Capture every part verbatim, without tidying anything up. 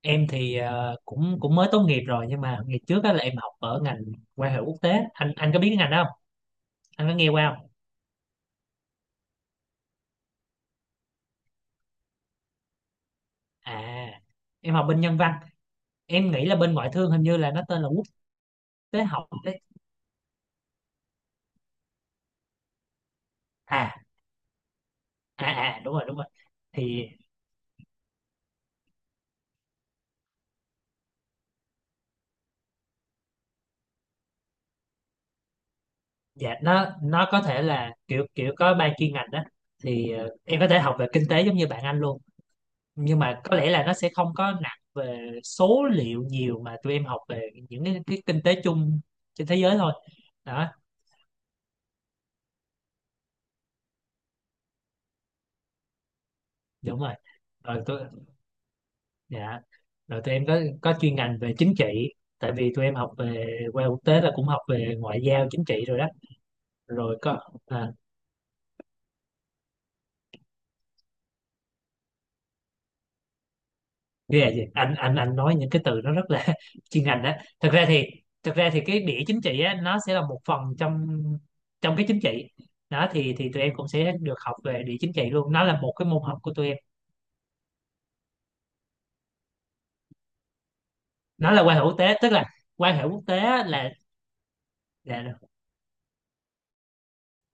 Em thì ờ, cũng cũng mới tốt nghiệp rồi, nhưng mà ngày trước á là em học ở ngành quan hệ quốc tế. Anh anh có biết cái ngành đó không? Anh có nghe qua không? À, em học bên Nhân văn. Em nghĩ là bên Ngoại thương hình như là nó tên là Quốc tế học đấy. À, à, à, đúng rồi, đúng rồi. thì dạ, nó nó có thể là kiểu kiểu có ba chuyên ngành đó. Thì ờ, em có thể học về kinh tế giống như bạn anh luôn, nhưng mà có lẽ là nó sẽ không có nặng về số liệu nhiều, mà tụi em học về những cái, cái kinh tế chung trên thế giới thôi. Đó, đúng rồi. Rồi tụi Dạ, rồi tụi em có có chuyên ngành về chính trị, tại vì tụi em học về qua quốc tế là cũng học về ngoại giao, chính trị rồi đó. Rồi có, à, ghê gì? Anh anh anh nói những cái từ nó rất là chuyên ngành đó. Thật ra thì thật ra thì cái đĩa chính trị á, nó sẽ là một phần trong trong cái chính trị. Đó, thì thì tụi em cũng sẽ được học về địa chính trị luôn. Nó là một cái môn học của tụi em. Nó là quan hệ quốc tế, tức là quan hệ quốc tế á, là là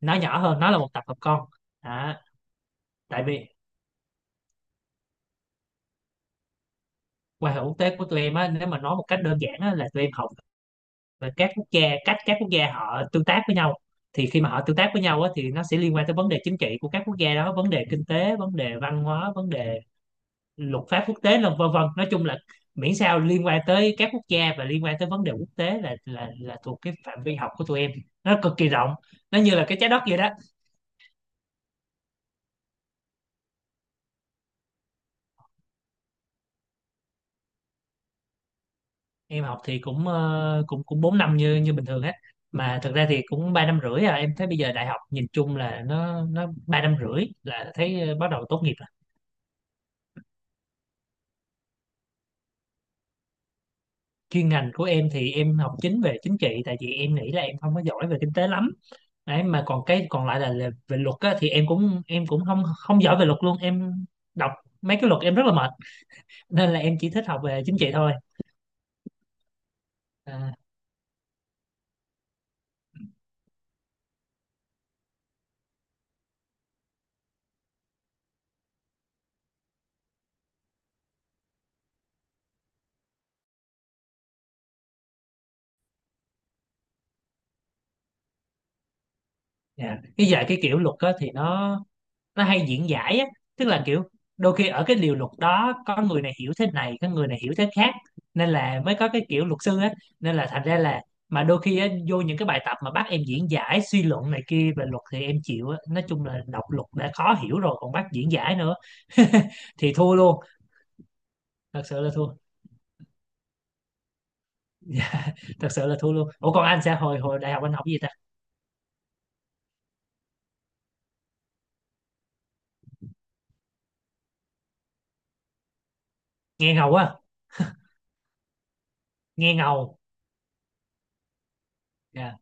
nó nhỏ hơn, nó là một tập hợp con. Đó, tại vì qua hệ quốc tế của tụi em á, nếu mà nói một cách đơn giản á, là tụi em học về các quốc gia, cách các quốc gia họ tương tác với nhau. Thì khi mà họ tương tác với nhau á, thì nó sẽ liên quan tới vấn đề chính trị của các quốc gia đó, vấn đề kinh tế, vấn đề văn hóa, vấn đề luật pháp quốc tế, vân vân. Nói chung là miễn sao liên quan tới các quốc gia và liên quan tới vấn đề quốc tế là là là thuộc cái phạm vi học của tụi em. Nó cực kỳ rộng, nó như là cái trái đất vậy đó. Em học thì cũng ờ, cũng cũng bốn năm như như bình thường hết, mà thực ra thì cũng ba năm rưỡi à. Em thấy bây giờ đại học nhìn chung là nó nó ba năm rưỡi là thấy ờ, bắt đầu tốt nghiệp rồi. Chuyên ngành của em thì em học chính về chính trị, tại vì em nghĩ là em không có giỏi về kinh tế lắm đấy. Mà còn cái còn lại là, là về luật á, thì em cũng em cũng không không giỏi về luật luôn. Em đọc mấy cái luật em rất là mệt, nên là em chỉ thích học về chính trị thôi. À, dạ, cái dạy cái kiểu luật á, thì nó nó hay diễn giải á, tức là kiểu đôi khi ở cái điều luật đó có người này hiểu thế này, có người này hiểu thế khác, nên là mới có cái kiểu luật sư á, nên là thành ra là mà đôi khi á, vô những cái bài tập mà bắt em diễn giải, suy luận này kia về luật thì em chịu á. Nói chung là đọc luật đã khó hiểu rồi còn bắt diễn giải nữa, thì thua luôn. Thật sự là thua, thật sự là thua luôn. Ủa còn anh sẽ hồi hồi đại học anh học gì ta? Nghe ngầu á, nghe ngầu. Dạ.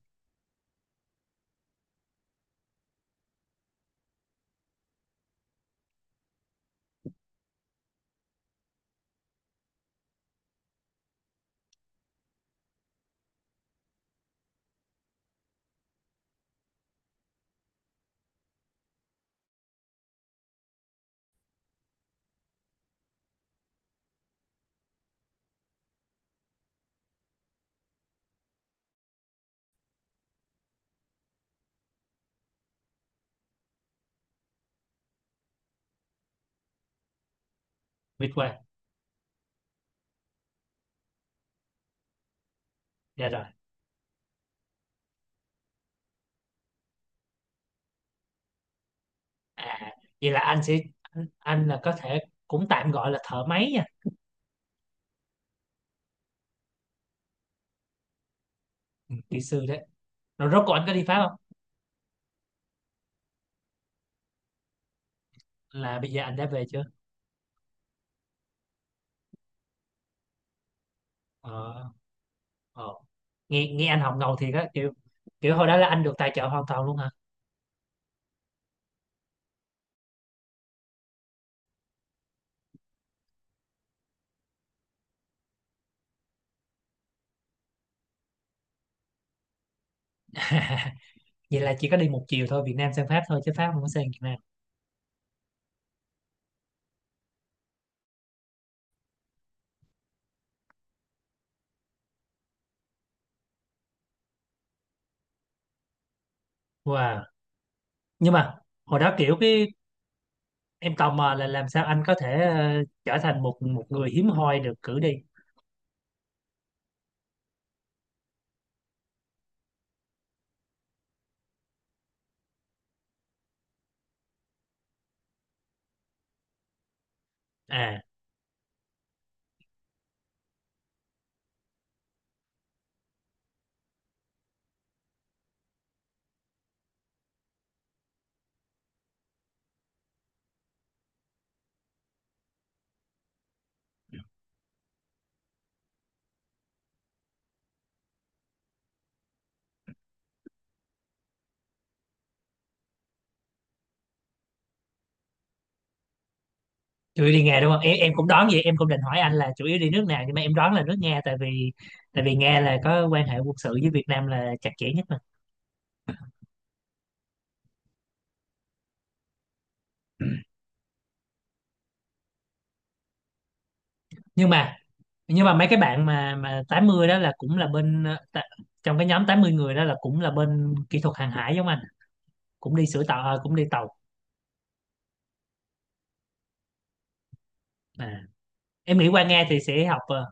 Biết qua. Dạ rồi. À vậy là anh sẽ anh, anh là có thể cũng tạm gọi là thợ máy nhỉ? Ừ, kỹ sư đấy. Rồi rốt cuộc anh có đi Pháp không? Là bây giờ anh đã về chưa? Ờ, ờ. Nghe nghe anh học ngầu thiệt á, kiểu kiểu hồi đó là anh được tài trợ hoàn toàn luôn hả? Vậy là chỉ có đi một chiều thôi, Việt Nam sang Pháp thôi chứ Pháp không có sang Việt Nam. Wow. Nhưng mà hồi đó kiểu cái em tò mò là làm sao anh có thể ờ, trở thành một một người hiếm hoi được cử đi? À, chủ yếu đi Nga đúng không? Em, em cũng đoán vậy, em cũng định hỏi anh là chủ yếu đi nước nào nhưng mà em đoán là nước Nga, tại vì tại vì Nga là có quan hệ quân sự với Việt Nam là chặt chẽ nhất mà. Nhưng mà nhưng mà mấy cái bạn mà mà tám mươi đó là cũng là bên ờ, tạ- trong cái nhóm tám mươi người đó là cũng là bên kỹ thuật hàng hải giống anh, cũng đi sửa tàu, ờ, cũng đi tàu. À, em nghĩ qua Nga thì sẽ học ờ,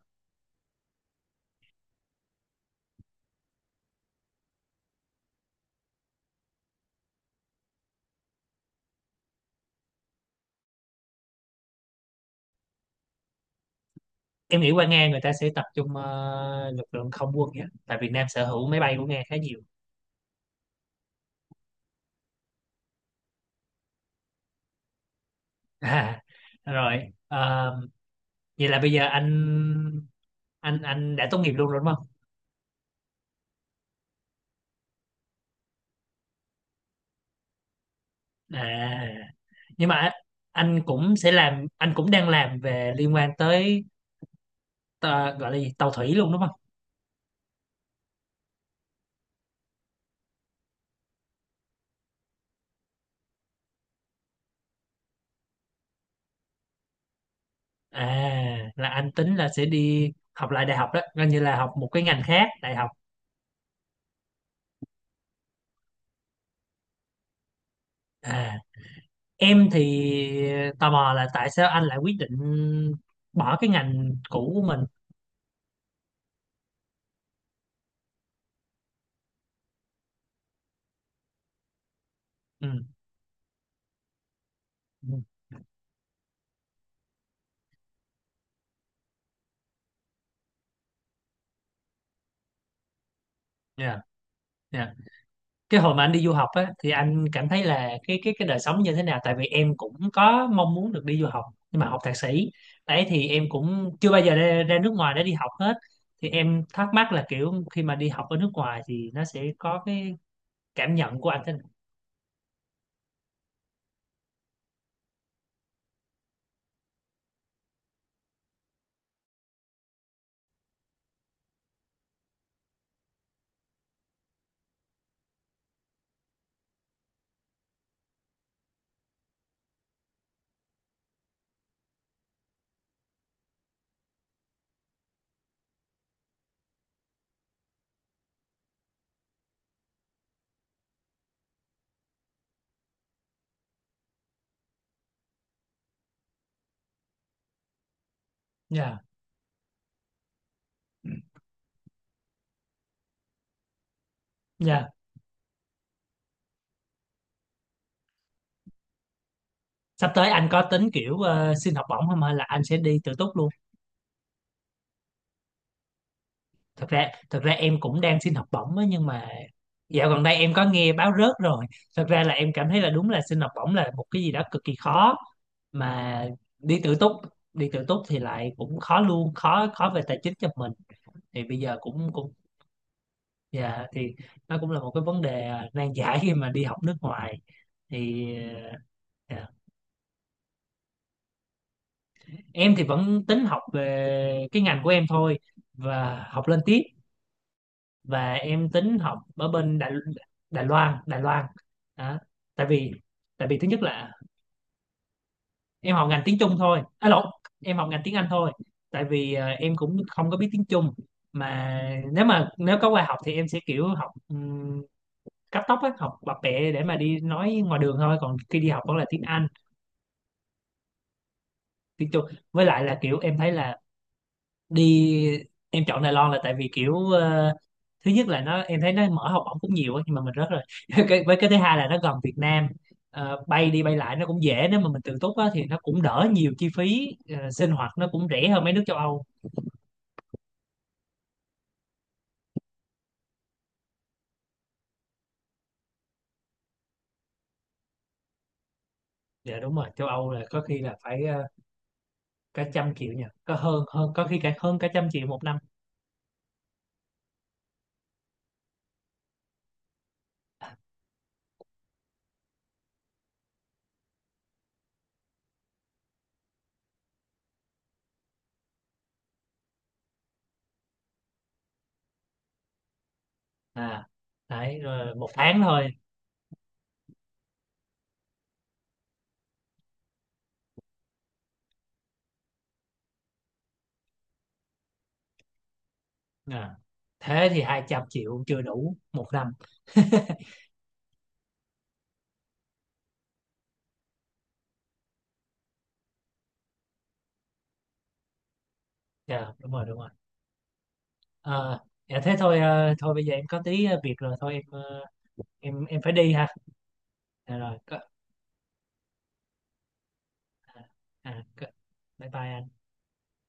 em nghĩ qua Nga người ta sẽ tập trung ờ, lực lượng không quân nhé, tại Việt Nam sở hữu máy bay của Nga khá nhiều. À, rồi, ờ, vậy là bây giờ anh anh anh đã tốt nghiệp luôn rồi đúng không? À, nhưng mà anh cũng sẽ làm, anh cũng đang làm về liên quan tới ờ, gọi là gì, tàu thủy luôn đúng không? À là anh tính là sẽ đi học lại đại học đó, coi như là học một cái ngành khác đại học. À em thì tò mò là tại sao anh lại quyết định bỏ cái ngành cũ của mình? Ừ. Ừ. Dạ. Dạ cái hồi mà anh đi du học á thì anh cảm thấy là cái cái cái đời sống như thế nào, tại vì em cũng có mong muốn được đi du học, nhưng mà học thạc sĩ đấy, thì em cũng chưa bao giờ ra, ra nước ngoài để đi học hết. Thì em thắc mắc là kiểu khi mà đi học ở nước ngoài thì nó sẽ có cái cảm nhận của anh thế nào. Dạ. Dạ, sắp tới anh có tính kiểu ờ, xin học bổng không hay là anh sẽ đi tự túc luôn? Thật ra thật ra em cũng đang xin học bổng á, nhưng mà dạo gần đây em có nghe báo rớt rồi. Thật ra là em cảm thấy là đúng là xin học bổng là một cái gì đó cực kỳ khó, mà đi tự túc, đi tự túc thì lại cũng khó luôn, khó khó về tài chính cho mình. Thì bây giờ cũng cũng dạ thì nó cũng là một cái vấn đề, à, nan giải khi mà đi học nước ngoài. Thì ờ, dạ. Em thì vẫn tính học về cái ngành của em thôi, và học lên tiếp, và em tính học ở bên Đài, Đài Loan, Đài Loan đó. Tại vì tại vì thứ nhất là em học ngành tiếng Trung thôi, à lộn, em học ngành tiếng Anh thôi, tại vì ờ, em cũng không có biết tiếng Trung mà. Nếu mà nếu có qua học thì em sẽ kiểu học um, cấp tốc á, học bập bẹ để mà đi nói ngoài đường thôi, còn khi đi học vẫn là tiếng Anh, tiếng Trung. Với lại là kiểu em thấy là đi em chọn Đài Loan là tại vì kiểu ờ, thứ nhất là nó em thấy nó mở học bổng cũng nhiều á, nhưng mà mình rớt rồi. Cái, với cái thứ hai là nó gần Việt Nam. Ờ, bay đi bay lại nó cũng dễ, nếu mà mình tự túc á, thì nó cũng đỡ nhiều chi phí, ờ, sinh hoạt nó cũng rẻ hơn mấy nước châu Âu. Dạ đúng rồi, châu Âu là có khi là phải ờ, cả trăm triệu nhỉ, có hơn, hơn có khi cả hơn cả trăm triệu một năm. À đấy, rồi một tháng thôi. À, thế thì hai trăm triệu chưa đủ một năm. Dạ đúng rồi, đúng rồi. Ờ, dạ thế thôi, ờ, thôi bây giờ em có tí ờ, việc rồi, thôi em, ờ, em em phải đi ha. Dạ rồi. Có, à, à, có, bye bye anh.